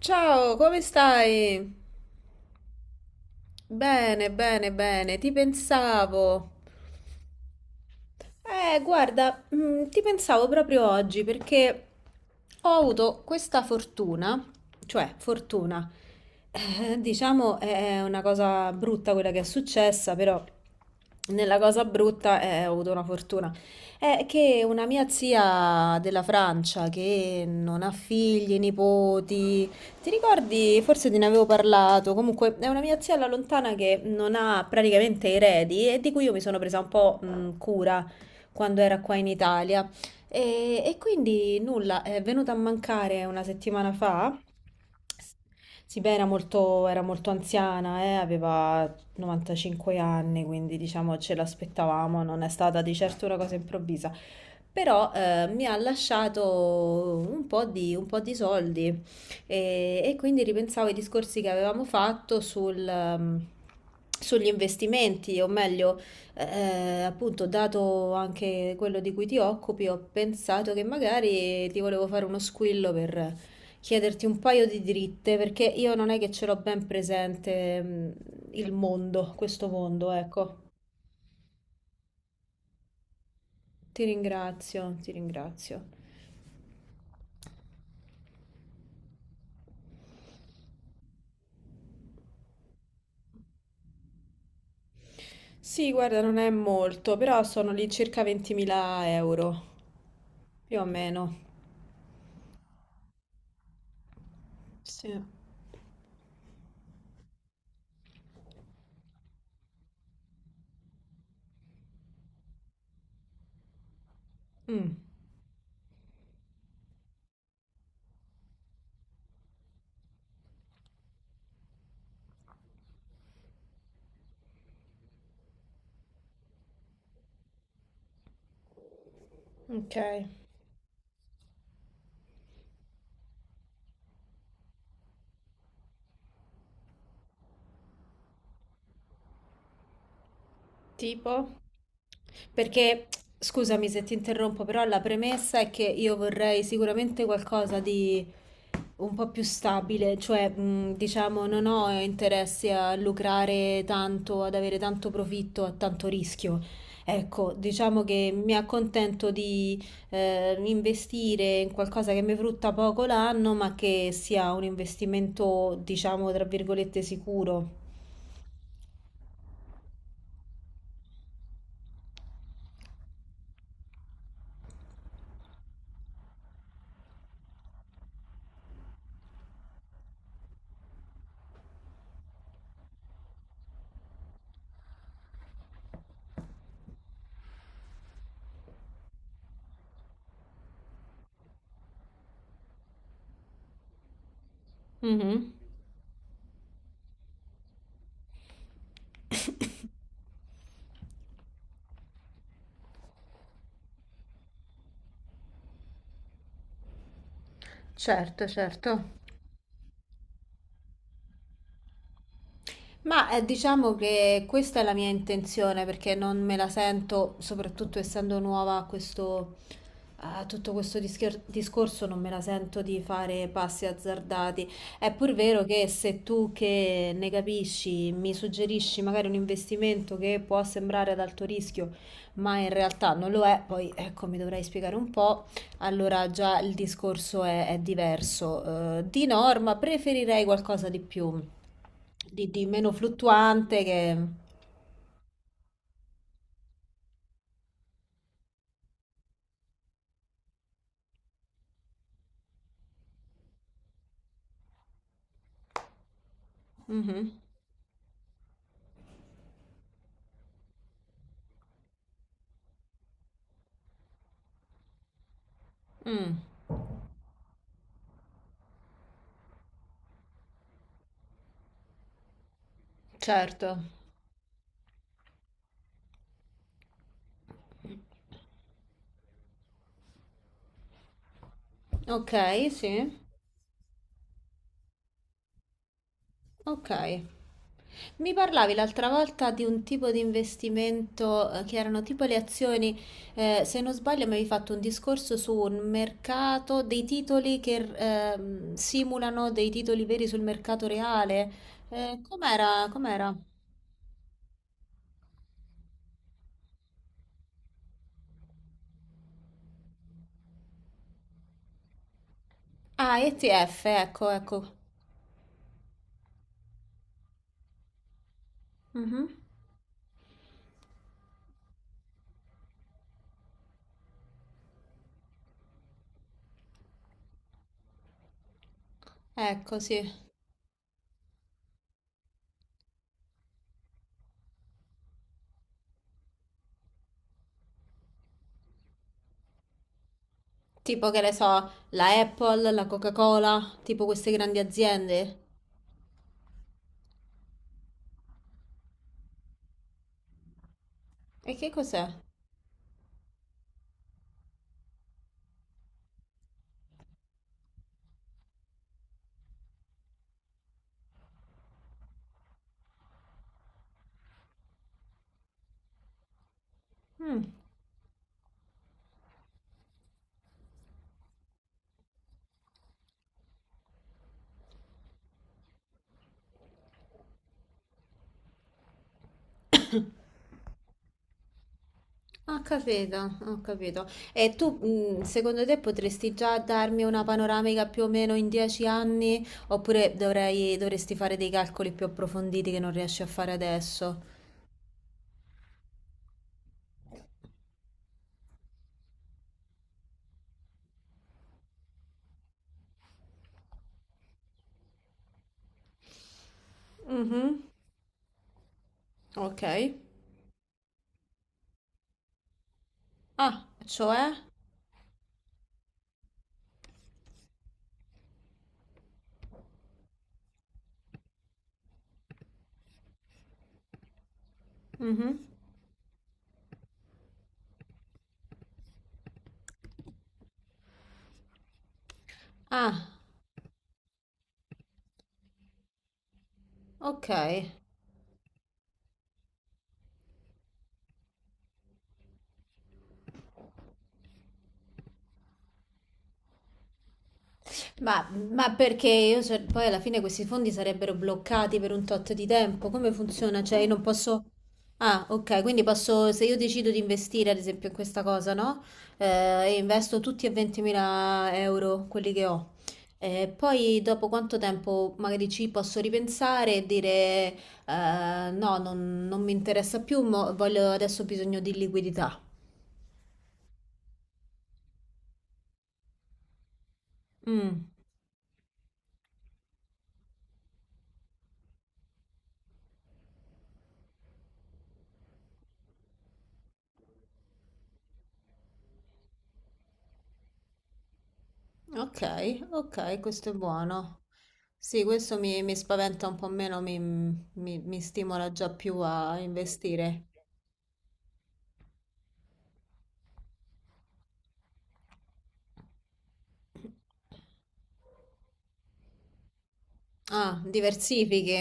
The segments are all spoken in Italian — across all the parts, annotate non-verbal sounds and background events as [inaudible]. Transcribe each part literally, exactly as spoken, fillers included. Ciao, come stai? Bene, bene, bene, ti pensavo. Eh, guarda, mm, ti pensavo proprio oggi perché ho avuto questa fortuna, cioè fortuna, eh, diciamo è una cosa brutta quella che è successa, però nella cosa brutta eh, ho avuto una fortuna. È che una mia zia della Francia che non ha figli, nipoti, ti ricordi? Forse te ne avevo parlato. Comunque, è una mia zia alla lontana che non ha praticamente eredi e di cui io mi sono presa un po' mh, cura quando era qua in Italia. E, e quindi nulla, è venuta a mancare una settimana fa. Sì, beh, era molto, era molto anziana, eh, aveva novantacinque anni, quindi diciamo ce l'aspettavamo, non è stata di certo una cosa improvvisa. Però eh, mi ha lasciato un po' di, un po' di soldi e, e quindi ripensavo ai discorsi che avevamo fatto sul, ehm, sugli investimenti, o meglio, eh, appunto, dato anche quello di cui ti occupi, ho pensato che magari ti volevo fare uno squillo per chiederti un paio di dritte perché io non è che ce l'ho ben presente, mh, il mondo, questo mondo, ecco. Ti ringrazio, ti ringrazio. Sì, guarda, non è molto, però sono lì circa ventimila euro, più o meno. Sì. Mm, ok. Tipo? Perché, scusami se ti interrompo, però la premessa è che io vorrei sicuramente qualcosa di un po' più stabile, cioè, mh, diciamo, non ho interessi a lucrare tanto, ad avere tanto profitto, a tanto rischio. Ecco, diciamo che mi accontento di eh, investire in qualcosa che mi frutta poco l'anno, ma che sia un investimento, diciamo, tra virgolette, sicuro. Mhm. [laughs] [coughs] Certo, certo. Ma eh, diciamo che questa è la mia intenzione perché non me la sento, soprattutto essendo nuova a questo, eh, tutto questo discher- discorso non me la sento di fare passi azzardati. È pur vero che se tu che ne capisci mi suggerisci magari un investimento che può sembrare ad alto rischio, ma in realtà non lo è, poi ecco mi dovrai spiegare un po', allora già il discorso è, è diverso. Eh, di norma preferirei qualcosa di più, di, di meno fluttuante che... Mhm. Mm, certo. Ok, sì. Ok. Mi parlavi l'altra volta di un tipo di investimento eh, che erano tipo le azioni, eh, se non sbaglio mi avevi fatto un discorso su un mercato dei titoli che ehm, simulano dei titoli veri sul mercato reale. Eh, com'era? Com'era? Ah, E T F, ecco, ecco. Mhm. Ecco, sì. Tipo che ne so, la Apple, la Coca-Cola, tipo queste grandi aziende. E che cos'è? Ho capito, ho capito. E tu, mh, secondo te, potresti già darmi una panoramica più o meno in dieci anni? Oppure dovrei, dovresti fare dei calcoli più approfonditi che non riesci a fare adesso? Mhm, ok. Ah, cioè? Mhm. Ah, ok. Ma, ma perché io so- poi alla fine questi fondi sarebbero bloccati per un tot di tempo? Come funziona? Cioè, io non posso. Ah, ok, quindi posso, se io decido di investire ad esempio in questa cosa, no? Eh, e investo tutti e ventimila euro quelli che ho. Eh, poi dopo quanto tempo magari ci posso ripensare e dire eh, no, non, non mi interessa più, mo- voglio, adesso ho bisogno di liquidità. Mm. Ok, ok, questo è buono. Sì, questo mi, mi spaventa un po' meno, mi, mi- mi stimola già più a investire. Ah, diversifichi,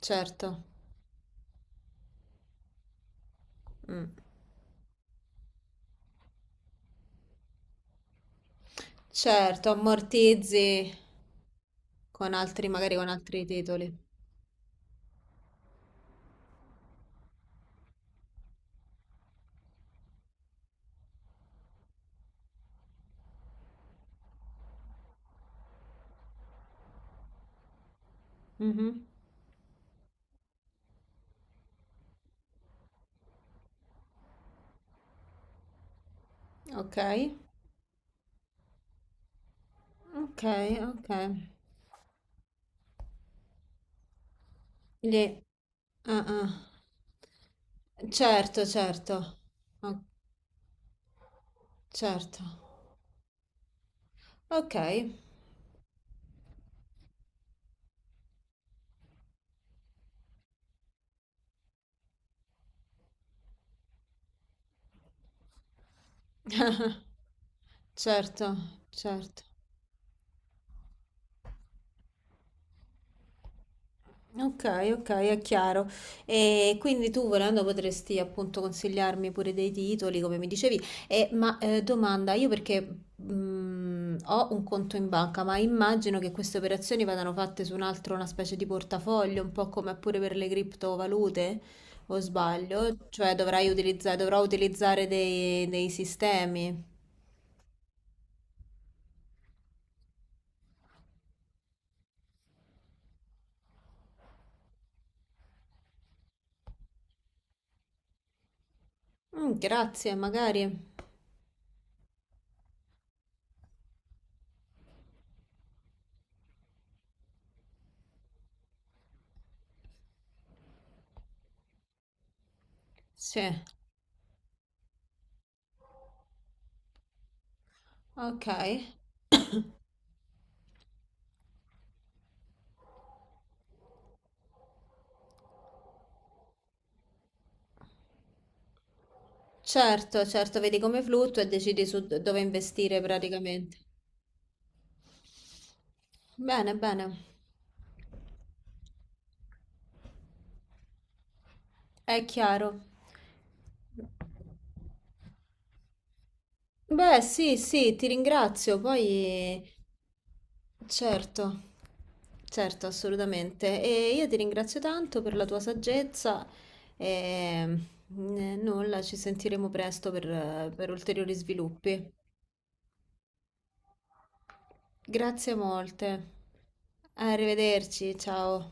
certo. Mm. Certo, ammortizzi con altri, magari con altri titoli. Mhm. Ok, ok, ok. Gli- ah, ah. Certo, certo. Oh, certo. Ok. [laughs] Certo, certo. Ok, ok, è chiaro. E quindi tu volendo potresti appunto consigliarmi pure dei titoli, come mi dicevi. E, ma eh, domanda, io perché mh, ho un conto in banca, ma immagino che queste operazioni vadano fatte su un altro, una specie di portafoglio, un po' come pure per le criptovalute, o sbaglio? Cioè dovrai utilizzare, dovrò utilizzare dei, dei sistemi. Mm, grazie, magari. Sì, ok. Certo, certo, vedi come fluttua e decidi su d- dove investire praticamente. Bene, bene, è chiaro. Beh, sì, sì, ti ringrazio. Poi, certo, certo, assolutamente. E io ti ringrazio tanto per la tua saggezza e eh, nulla, ci sentiremo presto per, eh, per ulteriori sviluppi. Grazie molte. Arrivederci, ciao.